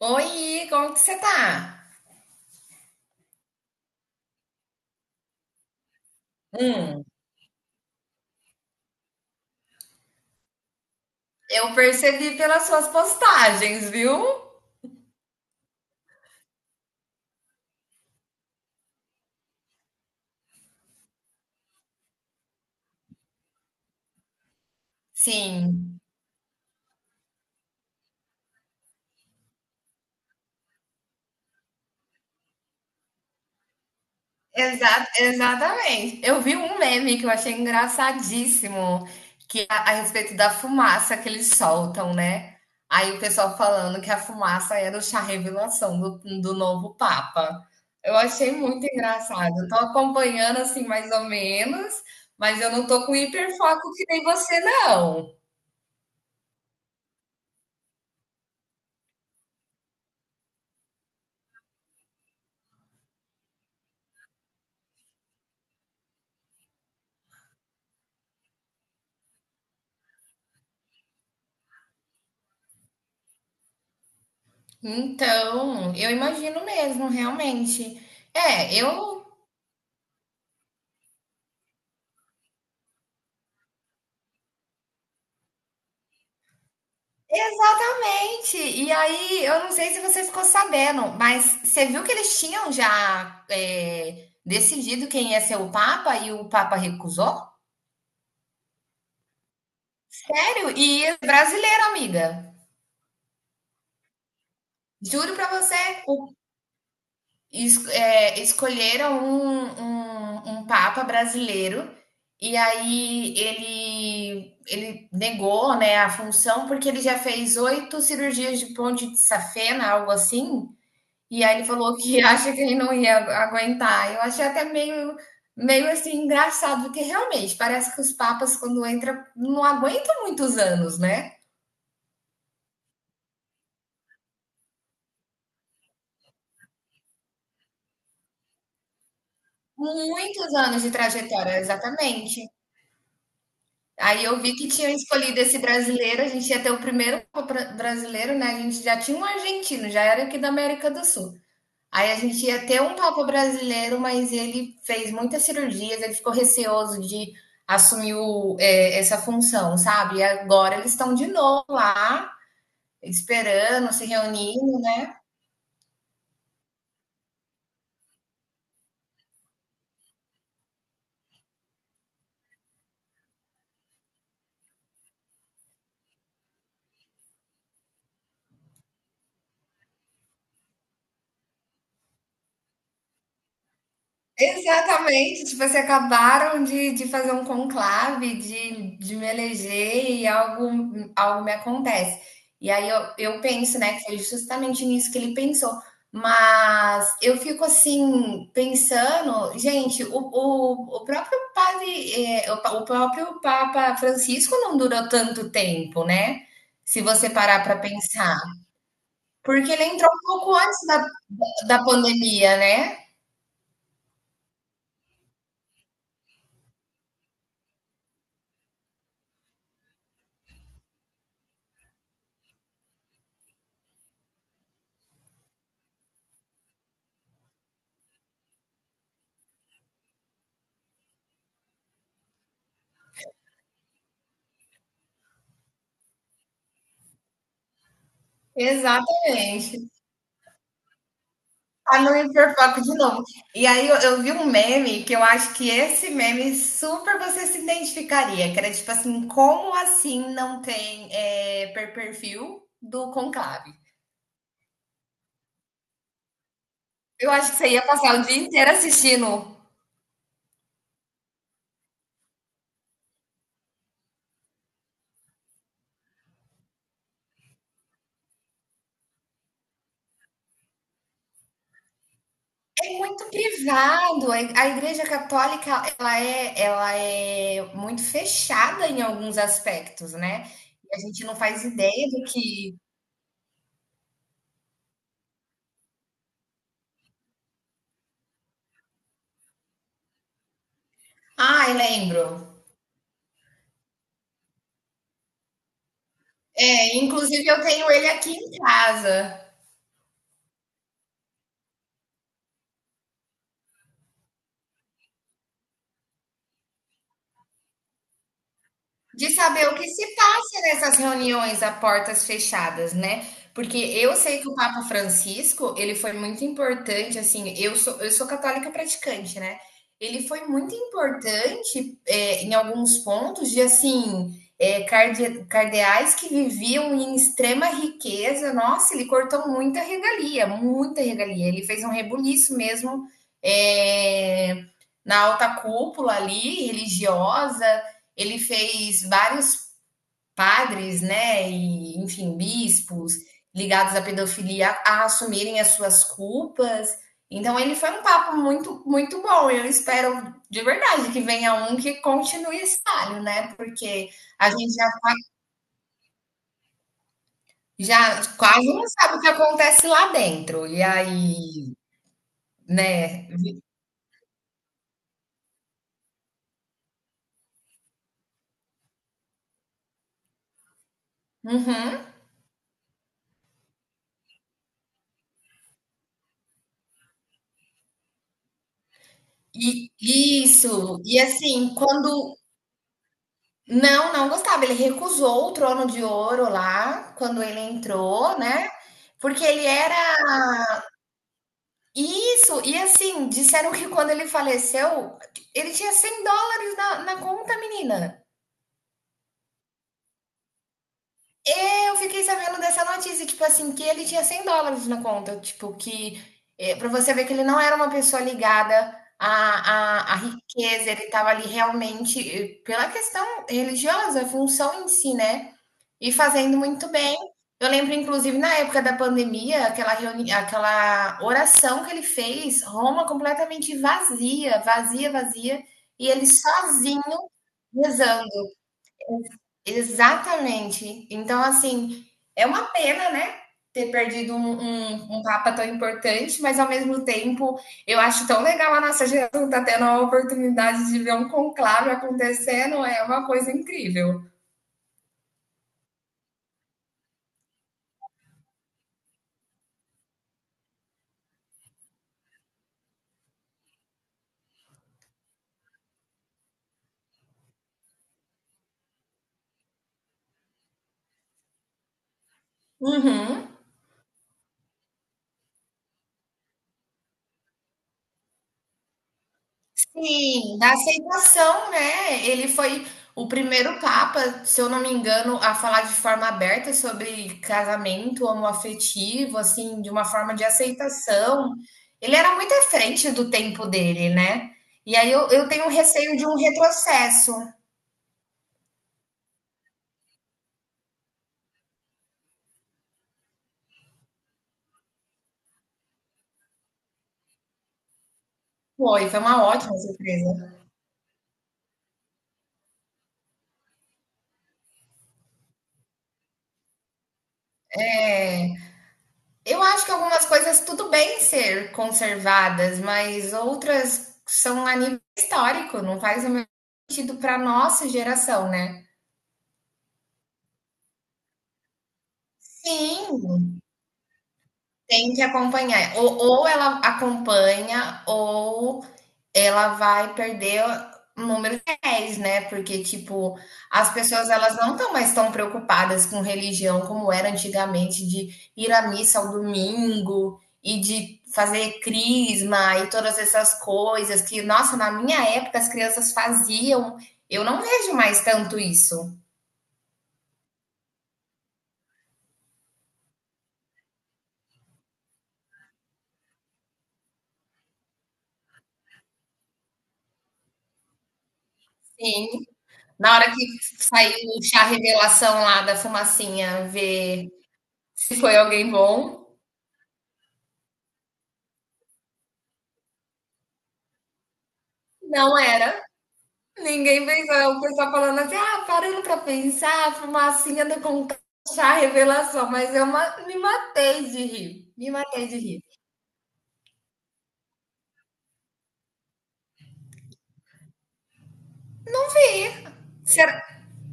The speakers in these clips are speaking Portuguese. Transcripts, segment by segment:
Oi, como que você tá? Hum, eu percebi pelas suas postagens, viu? Sim, exatamente. Eu vi um meme que eu achei engraçadíssimo, que é a respeito da fumaça que eles soltam, né? Aí o pessoal falando que a fumaça era o chá revelação do novo Papa. Eu achei muito engraçado. Eu tô acompanhando assim mais ou menos, mas eu não tô com hiperfoco que nem você, não. Então, eu imagino mesmo, realmente. É, eu. Exatamente! E aí, eu não sei se você ficou sabendo, mas você viu que eles tinham já decidido quem ia ser o Papa e o Papa recusou? Sério? E brasileiro, amiga. Juro pra você, escolheram um papa brasileiro e aí ele negou, né, a função porque ele já fez oito cirurgias de ponte de safena, algo assim, e aí ele falou que acha que ele não ia aguentar. Eu achei até meio, meio assim engraçado, porque realmente parece que os papas quando entram não aguentam muitos anos, né? Muitos anos de trajetória, exatamente. Aí eu vi que tinham escolhido esse brasileiro, a gente ia ter o primeiro brasileiro, né? A gente já tinha um argentino, já era aqui da América do Sul. Aí a gente ia ter um papa brasileiro, mas ele fez muitas cirurgias, ele ficou receoso de assumir essa função, sabe? E agora eles estão de novo lá, esperando, se reunindo, né? Exatamente, tipo, assim, acabaram de fazer um conclave, de me eleger e algo me acontece. E aí eu penso, né, que foi justamente nisso que ele pensou. Mas eu fico assim, pensando, gente, o próprio padre, o próprio Papa Francisco não durou tanto tempo, né? Se você parar para pensar. Porque ele entrou um pouco antes da pandemia, né? Exatamente. Tá no hiperfoco de novo. E aí eu vi um meme que eu acho que esse meme super você se identificaria, que era tipo assim, como assim não tem perfil do Conclave? Eu acho que você ia passar o dia inteiro assistindo. É muito privado. A Igreja Católica, ela é muito fechada em alguns aspectos, né? E a gente não faz ideia do que. Ah, lembro. É, inclusive eu tenho ele aqui em casa. De saber o que se passa nessas reuniões a portas fechadas, né? Porque eu sei que o Papa Francisco, ele foi muito importante, assim, eu sou católica praticante, né? Ele foi muito importante em alguns pontos de, assim, cardeais que viviam em extrema riqueza. Nossa, ele cortou muita regalia, muita regalia. Ele fez um rebuliço mesmo é, na alta cúpula ali, religiosa, ele fez vários padres, né, e enfim, bispos ligados à pedofilia a assumirem as suas culpas. Então ele foi um papo muito muito bom. Eu espero de verdade que venha um que continue esse trabalho, né? Porque a gente já quase não sabe o que acontece lá dentro. E aí, né? Uhum. E isso. E assim, quando... Não, não gostava. Ele recusou o Trono de Ouro lá, quando ele entrou, né, porque ele era isso, e assim, disseram que quando ele faleceu, ele tinha US$ 100 na conta, menina. É, eu fiquei sabendo dessa notícia, tipo assim, que ele tinha US$ 100 na conta, tipo que, pra você ver que ele não era uma pessoa ligada à riqueza, ele estava ali realmente, pela questão religiosa, a função em si, né. E fazendo muito bem. Eu lembro, inclusive, na época da pandemia, aquela reuni aquela oração que ele fez, Roma completamente vazia, vazia, vazia, e ele sozinho rezando. Exatamente. Então, assim, é uma pena, né, ter perdido um papa tão importante, mas ao mesmo tempo, eu acho tão legal a nossa geração tá tendo a oportunidade de ver um conclave acontecendo, é uma coisa incrível. Uhum. Sim, da aceitação, né? Ele foi o primeiro papa, se eu não me engano, a falar de forma aberta sobre casamento homoafetivo, assim, de uma forma de aceitação. Ele era muito à frente do tempo dele, né? E aí eu tenho um receio de um retrocesso. Foi uma ótima surpresa. Eu acho que algumas coisas tudo bem ser conservadas, mas outras são a nível histórico, não faz o mesmo sentido para nossa geração, né? Sim. Tem que acompanhar. Ou ela acompanha, ou ela vai perder o número de réis, né? Porque, tipo, as pessoas elas não estão mais tão preocupadas com religião como era antigamente, de ir à missa ao domingo e de fazer crisma e todas essas coisas que, nossa, na minha época as crianças faziam. Eu não vejo mais tanto isso. Sim. Na hora que saiu o chá revelação lá da fumacinha, ver se foi alguém bom, não era. Ninguém pensou, o pessoal falando assim, ah, parando pra pensar, a fumacinha do concurso, revelação, mas eu me matei de rir, me matei de rir. Fih, será,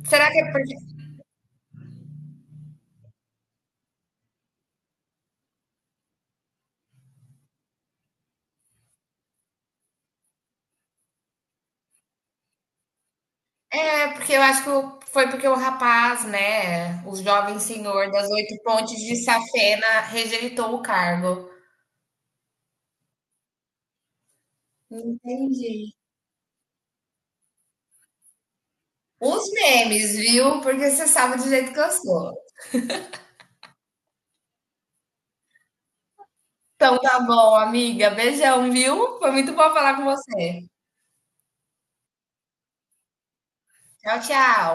será que é porque. É, porque eu acho que foi porque o rapaz, né, o jovem senhor das oito pontes de Safena rejeitou o cargo. Entendi. Os memes, viu? Porque você sabe do jeito que eu sou. Então tá bom, amiga. Beijão, viu? Foi muito bom falar com você. Tchau, tchau.